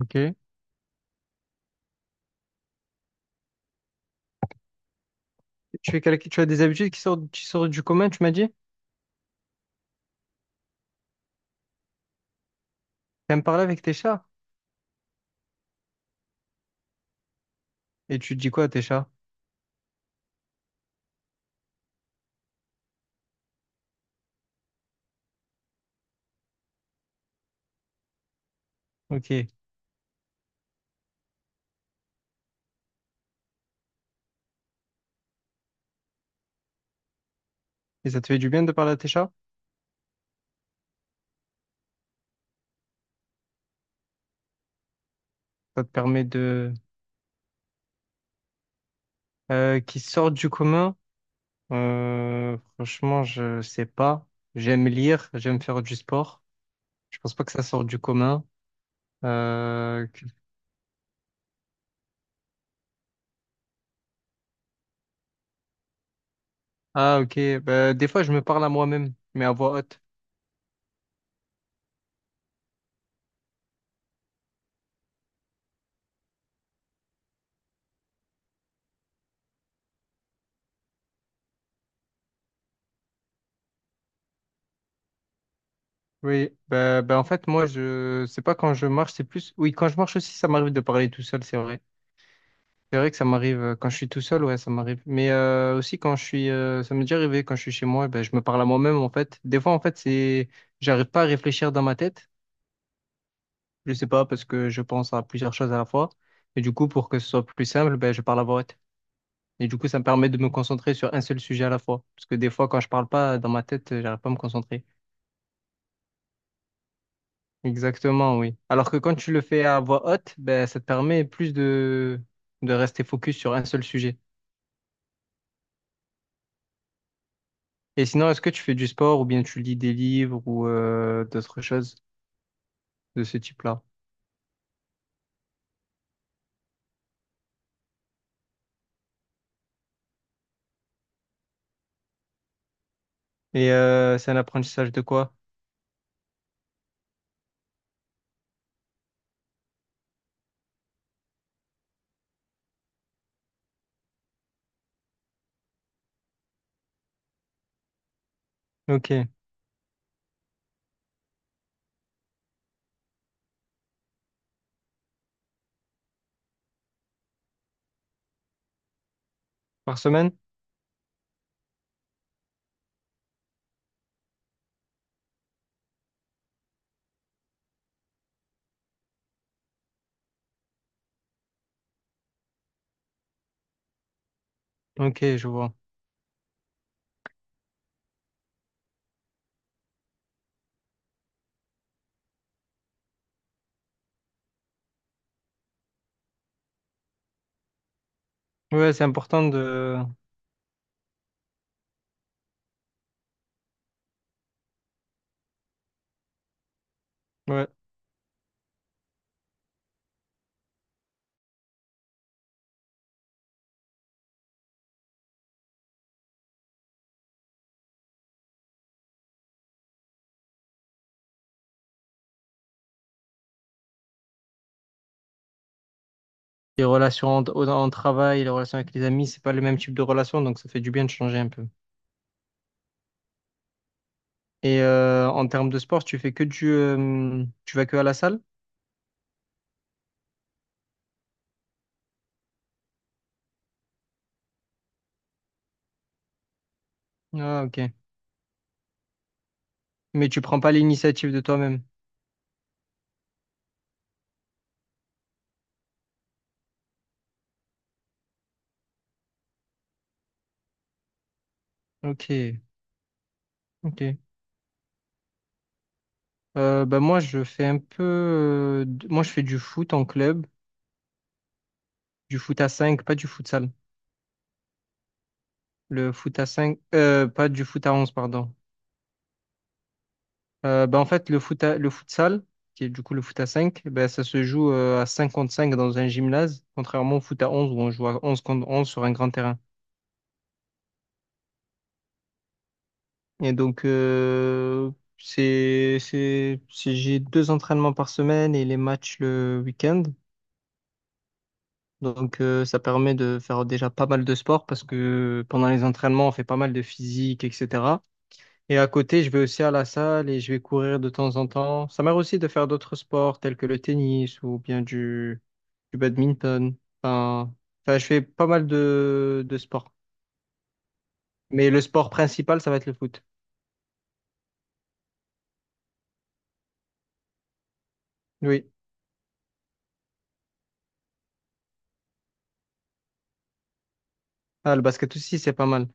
Ok. Tu as des habitudes qui sortent du commun, tu m'as dit? T'aimes parler avec tes chats? Et tu dis quoi à tes chats? Ok. Et ça te fait du bien de parler à tes chats? Ça te permet de... Qui sortent du commun? Franchement, je sais pas. J'aime lire, j'aime faire du sport. Je pense pas que ça sorte du commun. Euh, que- Ah, ok. Bah, des fois, je me parle à moi-même, mais à voix haute. Oui. En fait, moi, C'est pas quand je marche, c'est plus... Oui, quand je marche aussi, ça m'arrive de parler tout seul, c'est vrai. C'est vrai que ça m'arrive quand je suis tout seul, ouais, ça m'arrive. Mais aussi quand je suis, ça m'est déjà arrivé quand je suis chez moi, eh ben, je me parle à moi-même en fait. Des fois, en fait, j'arrive pas à réfléchir dans ma tête. Je sais pas parce que je pense à plusieurs choses à la fois. Et du coup, pour que ce soit plus simple, ben, je parle à voix haute. Et du coup, ça me permet de me concentrer sur un seul sujet à la fois. Parce que des fois, quand je parle pas dans ma tête, j'arrive pas à me concentrer. Exactement, oui. Alors que quand tu le fais à voix haute, ben, ça te permet plus de rester focus sur un seul sujet. Et sinon, est-ce que tu fais du sport ou bien tu lis des livres ou d'autres choses de ce type-là? Et c'est un apprentissage de quoi? Ok. Par semaine? Ok, je vois. Ouais, c'est important de... Ouais. Les relations en travail, les relations avec les amis, c'est pas le même type de relation, donc ça fait du bien de changer un peu. Et en termes de sport, tu fais que du... tu vas que à la salle? Ah, ok. Mais tu prends pas l'initiative de toi-même. Ok, ok. Bah moi, je fais un peu... moi, je fais du foot en club. Du foot à 5 pas du futsal. Le foot à 5 pas du foot à 11 pardon. En fait, le futsal, qui est du coup le foot à 5 bah, ça se joue à 5 contre 5 dans un gymnase, contrairement au foot à onze où on joue à onze contre 11 sur un grand terrain. Et donc, j'ai deux entraînements par semaine et les matchs le week-end. Donc, ça permet de faire déjà pas mal de sport parce que pendant les entraînements, on fait pas mal de physique, etc. Et à côté, je vais aussi à la salle et je vais courir de temps en temps. Ça m'arrive aussi de faire d'autres sports tels que le tennis ou bien du badminton. Enfin, enfin, je fais pas mal de sports. Mais le sport principal, ça va être le foot. Oui. Ah, le basket aussi, c'est pas mal.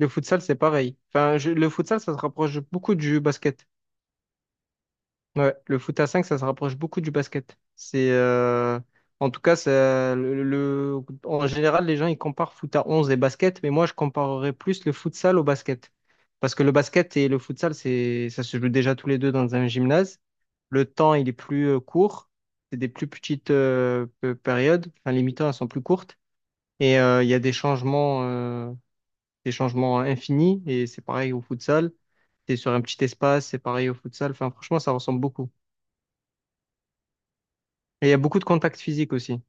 Le futsal, c'est pareil. Le futsal, ça se rapproche beaucoup du basket. Ouais, le foot à 5 ça se rapproche beaucoup du basket. C'est en tout cas, en général, les gens ils comparent foot à 11 et basket, mais moi je comparerais plus le futsal au basket. Parce que le basket et le futsal, ça se joue déjà tous les deux dans un gymnase. Le temps, il est plus court. C'est des plus petites périodes. Enfin, les mi-temps, elles sont plus courtes. Et il y a des changements, des changements infinis. Et c'est pareil au futsal. C'est sur un petit espace, c'est pareil au futsal. Enfin, franchement, ça ressemble beaucoup. Et il y a beaucoup de contacts physiques aussi.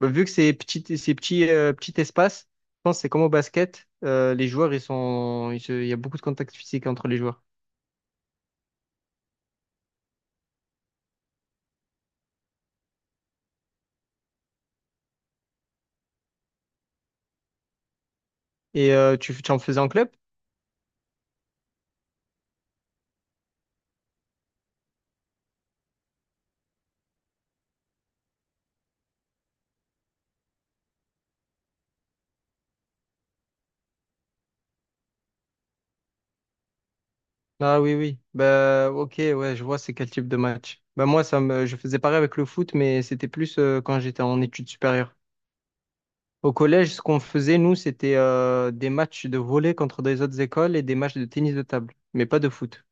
Bah, vu que c'est petit, petit espace, je pense que c'est comme au basket. Les joueurs, ils sont, ils se- il y a beaucoup de contacts physiques entre les joueurs. Et tu en faisais en club? Ah oui, oui. Bah, ok, ouais, je vois c'est quel type de match. Bah, moi, je faisais pareil avec le foot, mais c'était plus quand j'étais en études supérieures. Au collège, ce qu'on faisait, nous, c'était des matchs de volley contre des autres écoles et des matchs de tennis de table, mais pas de foot.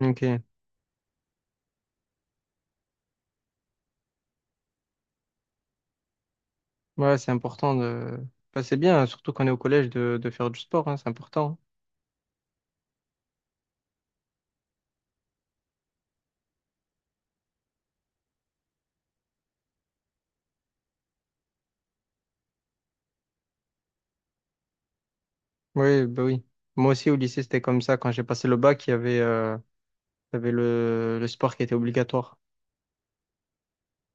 Ok. Ouais, c'est important de... Bah, c'est bien, hein, surtout quand on est au collège, de faire du sport, hein, c'est important. Oui, bah oui. Moi aussi, au lycée, c'était comme ça. Quand j'ai passé le bac, il y avait le sport qui était obligatoire.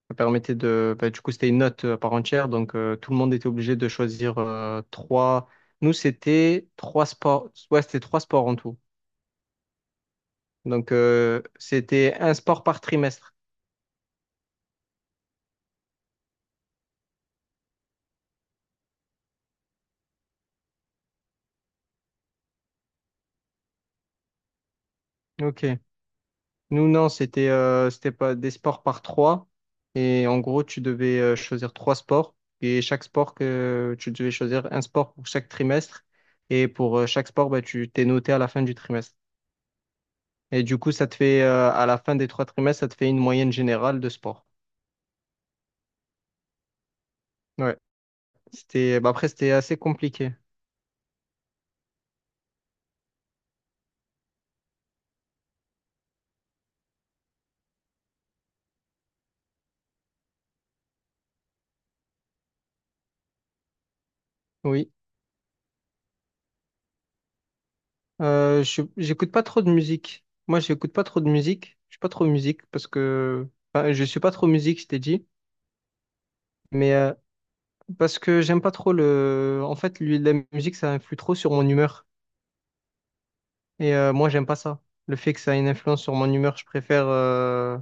Ça permettait de... bah, du coup, c'était une note à part entière, donc tout le monde était obligé de choisir trois... Nous, c'était trois sports. Ouais, c'était trois sports en tout. Donc, c'était un sport par trimestre. Ok. Nous, non, c'était c'était pas des sports par trois. Et en gros, tu devais choisir trois sports. Et chaque sport que tu devais choisir un sport pour chaque trimestre. Et pour chaque sport, bah, tu t'es noté à la fin du trimestre. Et du coup, ça te fait, à la fin des trois trimestres, ça te fait une moyenne générale de sport. Ouais. C'était, bah, après, c'était assez compliqué. Oui. J'écoute pas trop de musique. Moi, j'écoute pas trop de musique. Je suis pas trop musique parce que enfin, je suis pas trop musique, je t'ai dit. Mais parce que j'aime pas trop le. En fait, lui, la musique, ça influe trop sur mon humeur. Et moi, j'aime pas ça. Le fait que ça ait une influence sur mon humeur, je préfère.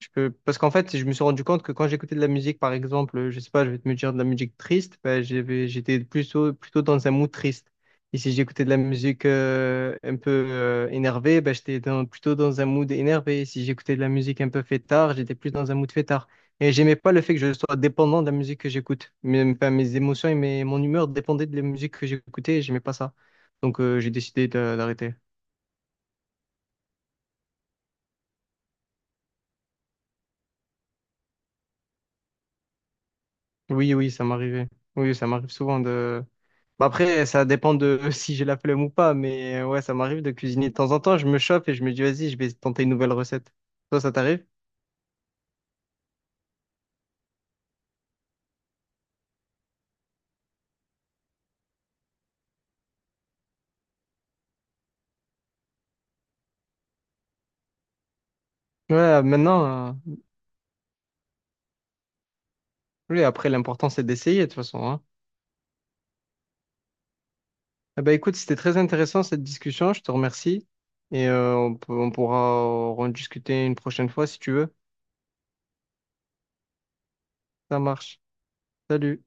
Je peux... Parce qu'en fait, je me suis rendu compte que quand j'écoutais de la musique, par exemple, je sais pas, je vais te me dire de la musique triste, ben, j'étais plutôt dans un mood triste. Et si j'écoutais de la musique un peu énervée, ben, j'étais plutôt dans un mood énervé. Et si j'écoutais de la musique un peu fêtard, j'étais plus dans un mood fêtard. Et j'aimais pas le fait que je sois dépendant de la musique que j'écoute. Mes émotions et mon humeur dépendaient de la musique que j'écoutais et j'aimais pas ça. Donc j'ai décidé d'arrêter. Oui, oui, ça m'arrivait. Oui, ça m'arrive souvent de... Bah après, ça dépend de si j'ai la flemme ou pas, mais ouais, ça m'arrive de cuisiner de temps en temps. Je me chauffe et je me dis, vas-y, je vais tenter une nouvelle recette. Toi, ça t'arrive? Ouais, oui, après, l'important, c'est d'essayer, de toute façon, hein. Eh ben, écoute, c'était très intéressant cette discussion, je te remercie. Et on pourra en discuter une prochaine fois si tu veux. Ça marche. Salut.